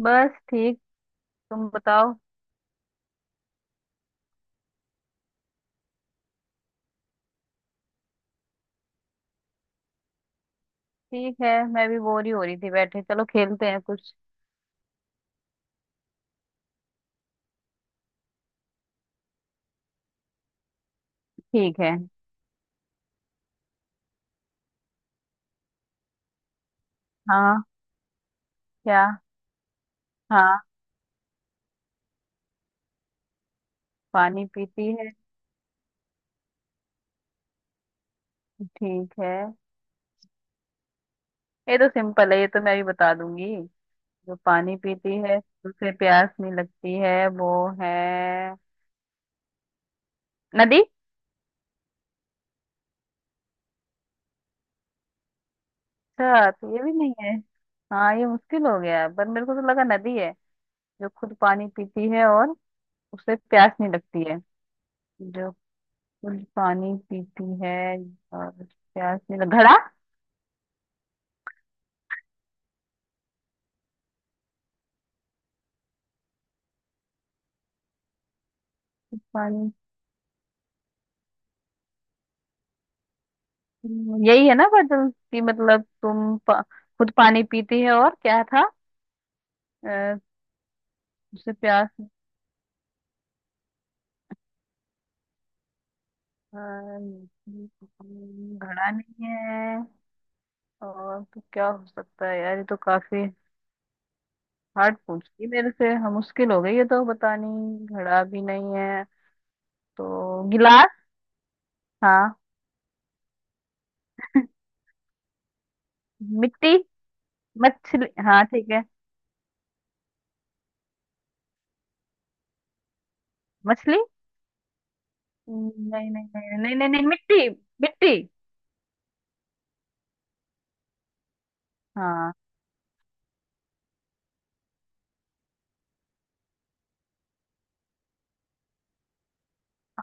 बस ठीक। तुम बताओ। ठीक है, मैं भी बोर ही हो रही थी बैठे। चलो खेलते हैं कुछ। ठीक है। हाँ। क्या? हाँ। पानी पीती है। ठीक है। ये तो सिंपल है, ये तो मैं भी बता दूंगी। जो पानी पीती है उसे प्यास नहीं लगती है, वो है नदी। अच्छा, तो ये भी नहीं है। हाँ, ये मुश्किल हो गया, पर मेरे को तो लगा नदी है। जो खुद पानी पीती है और उसे प्यास नहीं लगती है। जो खुद पानी पीती है और प्यास नहीं लग घड़ा। पानी। यही है ना? बदल कि मतलब खुद पानी पीती है और क्या था? अ, उसे प्यास। अ, घड़ा नहीं है। और तो क्या हो सकता है यार, ये तो काफी हार्ड पूछ ली मेरे से। हम मुश्किल हो गई है तो बतानी। घड़ा भी नहीं है। तो गिलास? हाँ, मिट्टी। मछली, हाँ ठीक है। मछली। नहीं नहीं नहीं नहीं नहीं नहीं, मिट्टी। मिट्टी। हाँ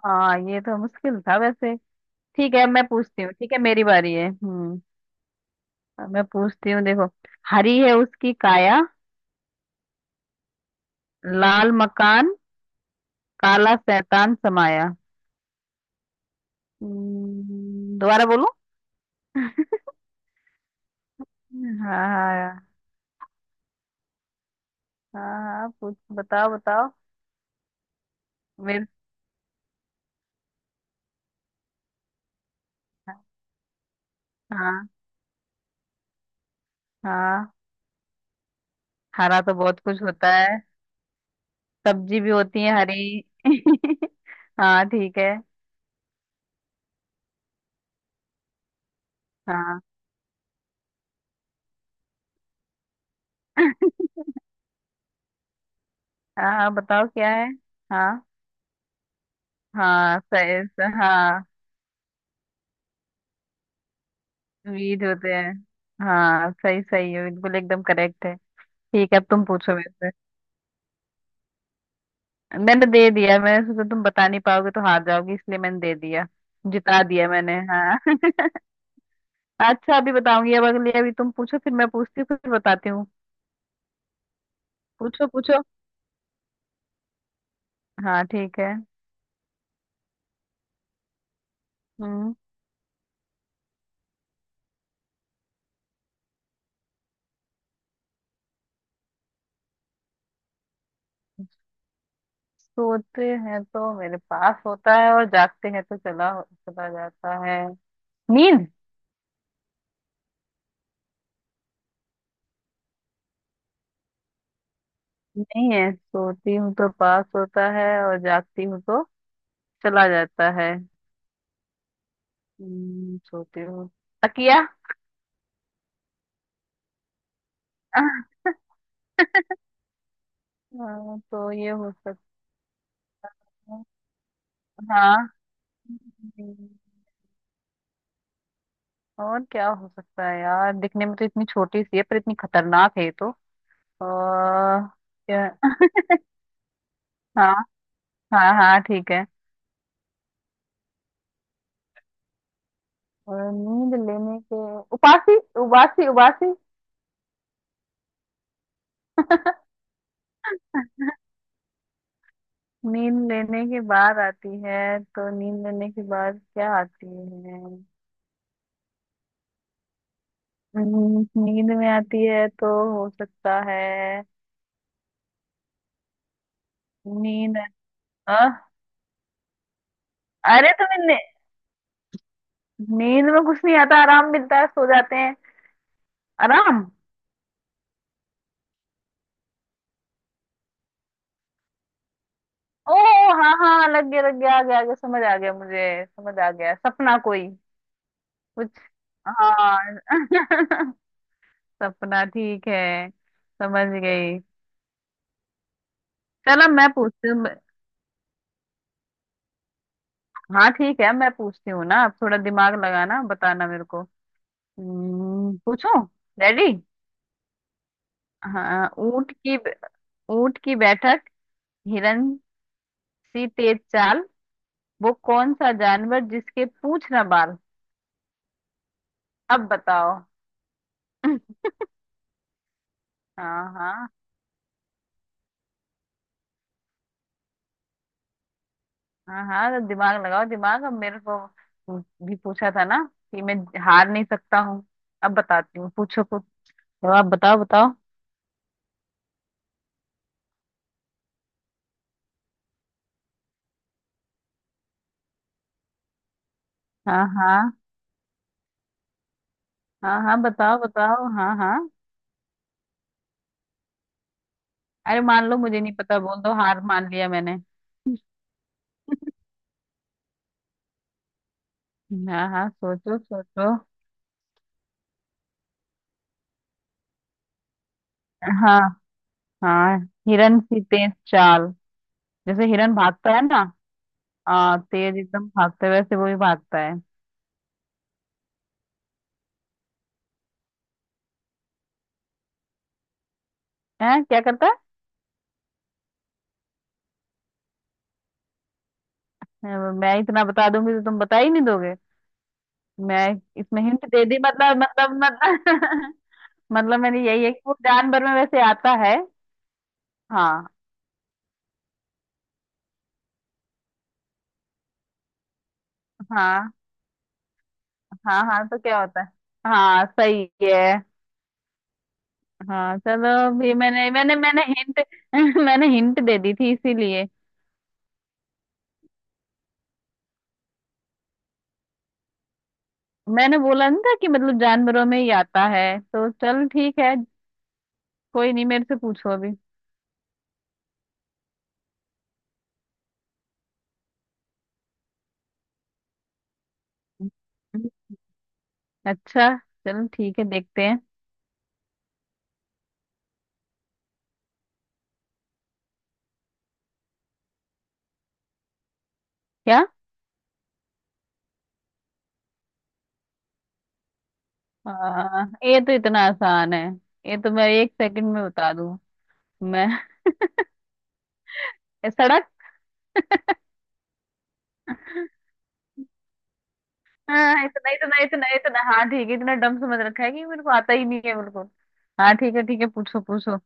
हाँ, ये तो मुश्किल था वैसे। ठीक है, मैं पूछती हूँ। ठीक है, मेरी बारी है। हम्म। अब मैं पूछती हूँ, देखो। हरी है उसकी काया। लाल मकान। काला शैतान समाया। दोबारा बोलूं? हाँ। हाँ हाँ हाँ पूछ, बताओ बताओ। मेरे। हाँ हाँ। हरा तो बहुत कुछ होता है। सब्जी भी होती है हरी। हाँ ठीक है। हाँ। हाँ हाँ, बताओ क्या है। हाँ। हाँ सही। हाँ। वीड होते हैं। हाँ सही, सही है, बिल्कुल एकदम करेक्ट है। ठीक है, अब तुम पूछो मेरे से। मैंने तो दे दिया, मैंने सोचा तुम बता नहीं पाओगे तो हार जाओगी, इसलिए मैंने दे दिया। जिता दिया मैंने, हाँ। अच्छा अभी बताऊंगी, अब अगली अभी तुम पूछो, फिर मैं पूछती हूँ, फिर बताती हूँ। पूछो पूछो। हाँ ठीक है। हम्म। सोते हैं तो मेरे पास होता है और जागते हैं तो चला चला जाता है। नींद। नहीं है? सोती हूँ तो पास होता है और जागती हूँ तो चला जाता है। सोते हो। तकिया। हाँ, तो ये हो सकता है। हाँ। हम्म, और क्या हो सकता है यार, दिखने में तो इतनी छोटी सी है पर इतनी खतरनाक है ये तो। और क्या? हाँ हाँ हाँ ठीक है। और नींद लेने के। उबासी, उबासी, उबासी। नींद लेने के बाद आती है तो नींद लेने के बाद क्या आती है? नींद में आती है तो हो सकता है। नींद। अरे नींद में कुछ नहीं आता, आराम मिलता है, सो जाते हैं। आराम। ओ। हाँ हाँ, लग गया लग गया, आ गया आ गया, समझ आ गया मुझे, समझ आ गया सपना कोई, कुछ। हाँ। सपना, ठीक है। समझ गई। चलो मैं पूछती हूँ। हाँ ठीक है, मैं पूछती हूँ ना, अब थोड़ा दिमाग लगाना, बताना मेरे को। पूछो। रेडी? हाँ, ऊंट की। ऊंट की बैठक। हिरन सी तेज चाल। वो कौन सा जानवर जिसके पूंछ ना बाल? अब बताओ। हाँ। हाँ। हाँ हाँ, तो दिमाग लगाओ दिमाग, अब मेरे को भी पूछा था ना कि मैं हार नहीं सकता हूँ। अब बताती हूँ, पूछो कुछ। तो आप बताओ बताओ। हाँ हाँ। हाँ हाँ बताओ बताओ, हाँ हाँ। अरे मान लो, मुझे नहीं पता, बोल दो, हार मान लिया मैंने। हाँ हाँ सोचो सोचो। हाँ हाँ, हिरन की तेज चाल। जैसे हिरन भागता है ना। हाँ, तेज एकदम भागता है, वैसे वो भी भागता है। हैं, क्या करता है? मैं। मैं इतना बता दूंगी तो तुम बता ही नहीं दोगे। मैं इसमें हिंट दे दी मतलब, मतलब। मतलब मैंने यही है कि वो जानवर में वैसे आता है। हाँ हाँ। हाँ हाँ, तो क्या होता है? हाँ सही है। हाँ चलो भी मैंने मैंने मैंने हिंट। मैंने हिंट दे दी थी इसीलिए। मैंने बोला नहीं था कि मतलब जानवरों में ही आता है, तो चल ठीक है। कोई नहीं, मेरे से पूछो अभी। अच्छा, चलो ठीक है देखते हैं। क्या? हाँ, ये तो इतना आसान है, ये तो मैं 1 सेकंड में बता दूं। मैं ये सड़क। हाँ, इतना इतना इतना इतना, हाँ ठीक है, इतना डम समझ रखा है कि मेरे को आता ही नहीं है बिल्कुल। हाँ ठीक है, ठीक है पूछो पूछो।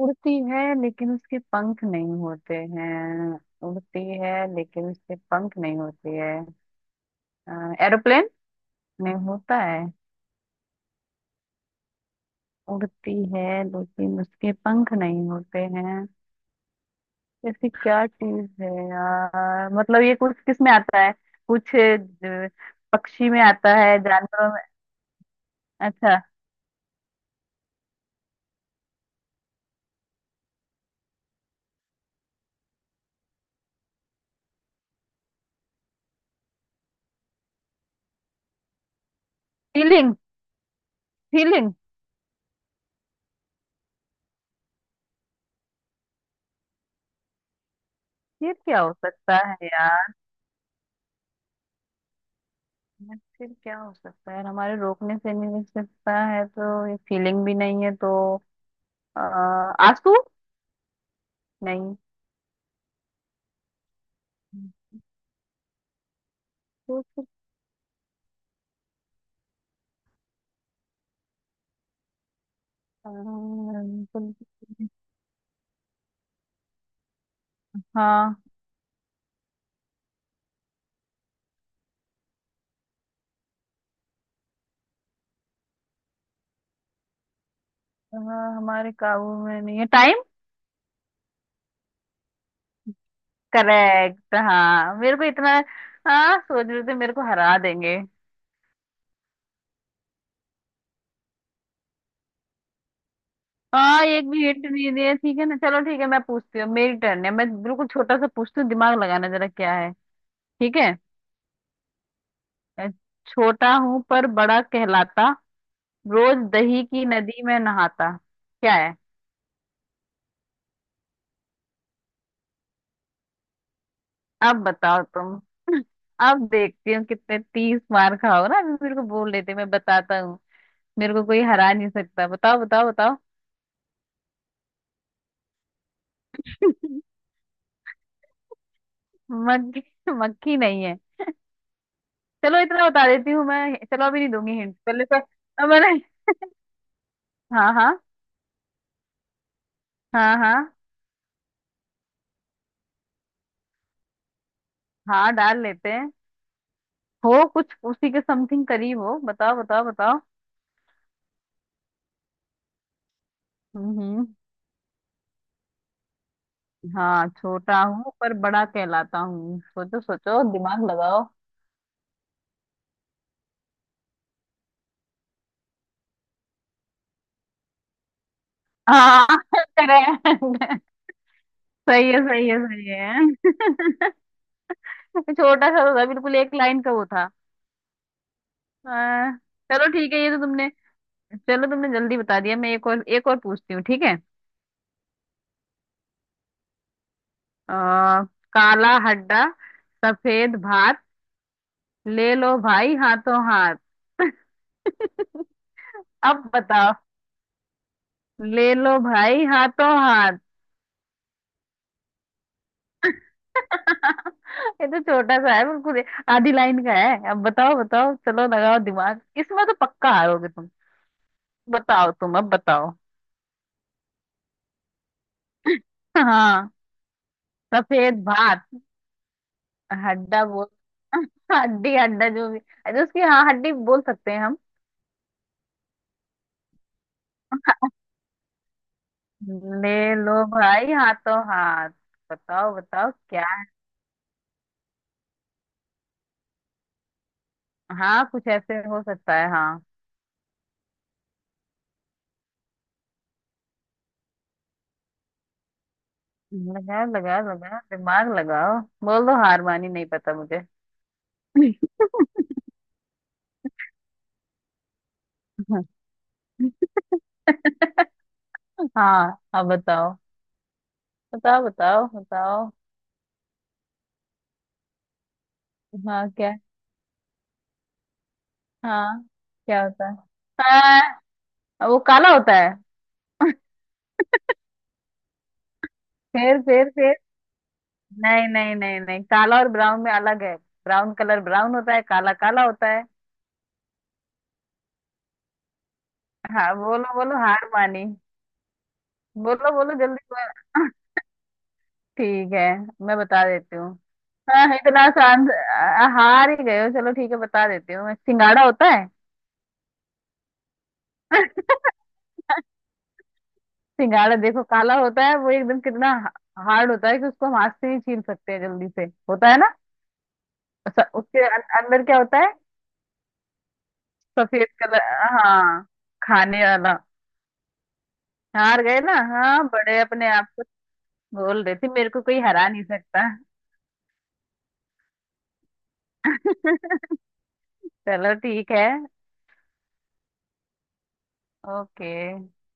उड़ती है लेकिन उसके पंख नहीं होते हैं। उड़ती है लेकिन उसके पंख नहीं होते हैं। हाँ, एरोप्लेन। नहीं होता है। उड़ती है लेकिन उसके पंख नहीं होते हैं। ऐसी क्या चीज है यार, मतलब ये कुछ किस में आता है? कुछ पक्षी में आता है, जानवरों में। अच्छा। फीलिंग। फीलिंग। फिर क्या हो सकता है यार? फिर क्या हो सकता है, हमारे रोकने से नहीं मिल सकता है तो ये फीलिंग भी नहीं है तो। अ, आंसू। नहीं। तो फिर, बिल्कुल- हाँ। अ, हमारे काबू में नहीं है, टाइम। करेक्ट, हाँ मेरे को इतना। हाँ सोच रहे थे मेरे को हरा देंगे। हाँ, एक भी हिंट नहीं दिया ठीक है ना, चलो ठीक है मैं पूछती हूँ, मेरी टर्न है, मैं बिल्कुल छोटा सा पूछती हूँ, दिमाग लगाना जरा। क्या है? ठीक है। अ, छोटा हूँ पर बड़ा कहलाता, रोज दही की नदी में नहाता। क्या है? अब बताओ तुम। अब देखती हूँ कितने तीस मार खाओ ना, अभी मेरे को बोल लेते मैं बताता हूँ। मेरे को कोई हरा नहीं सकता, बताओ बताओ बताओ। मक्खी। मक्खी नहीं है। चलो इतना बता देती हूँ मैं, चलो अभी नहीं दूंगी हिंट पहले, तो मैंने। हाँ हाँ। हाँ हाँ। हाँ डाल लेते हैं। हो कुछ उसी के समथिंग करीब हो, बताओ बताओ बताओ। हम्म, हम्म। हाँ, छोटा हूँ पर बड़ा कहलाता हूँ, सोचो सोचो दिमाग लगाओ। हाँ करेक्ट। सही है, सही है, सही है। छोटा सा तो था बिल्कुल, 1 लाइन का वो था। आ, चलो ठीक है, ये तो तुमने, चलो तुमने जल्दी बता दिया। मैं एक और, एक और पूछती हूँ, ठीक है। आ, काला हड्डा, सफेद भात, ले लो भाई हाथों हाथ। अब बताओ। ले लो भाई हाथों हाथ। ये तो छोटा सा है बिल्कुल, आधी लाइन का है। अब बताओ बताओ, चलो लगाओ दिमाग, इसमें तो पक्का हारोगे तुम। बताओ तुम, अब बताओ। हाँ। सफेद भात। हड्डा बोल। हड्डी हड्डा जो भी। अरे उसकी, हाँ हड्डी बोल सकते हैं हम। ले लो भाई हाथों हाथ। बताओ बताओ, क्या है? हाँ कुछ ऐसे हो सकता है, हाँ। लगाओ लगाओ लगाओ दिमाग लगाओ। बोल दो हार मानी, नहीं पता मुझे। हाँ। हाँ, अब बताओ बताओ बताओ बताओ। हाँ क्या? हाँ, क्या होता है? हाँ वो काला होता है। फिर फिर। नहीं नहीं नहीं नहीं, काला और ब्राउन में अलग है। ब्राउन कलर ब्राउन होता है, काला काला होता है। हाँ बोलो बोलो हार मानी। बोलो बोलो जल्दी बोलो। ठीक है, मैं बता देती हूँ। हाँ इतना आसान से- हार ही गए हो, चलो ठीक है बता देती हूँ मैं। सिंगाड़ा होता है। सिंघाड़ा देखो काला होता है वो, एकदम कितना हार्ड होता है कि उसको हम हाथ से ही छील सकते हैं जल्दी से। होता है ना? उसके अंदर क्या होता है? सफेद कलर। हाँ। खाने वाला। हार गए ना, हाँ, बड़े अपने आप को बोल रहे थे मेरे को कोई हरा नहीं सकता। चलो ठीक है। ओके।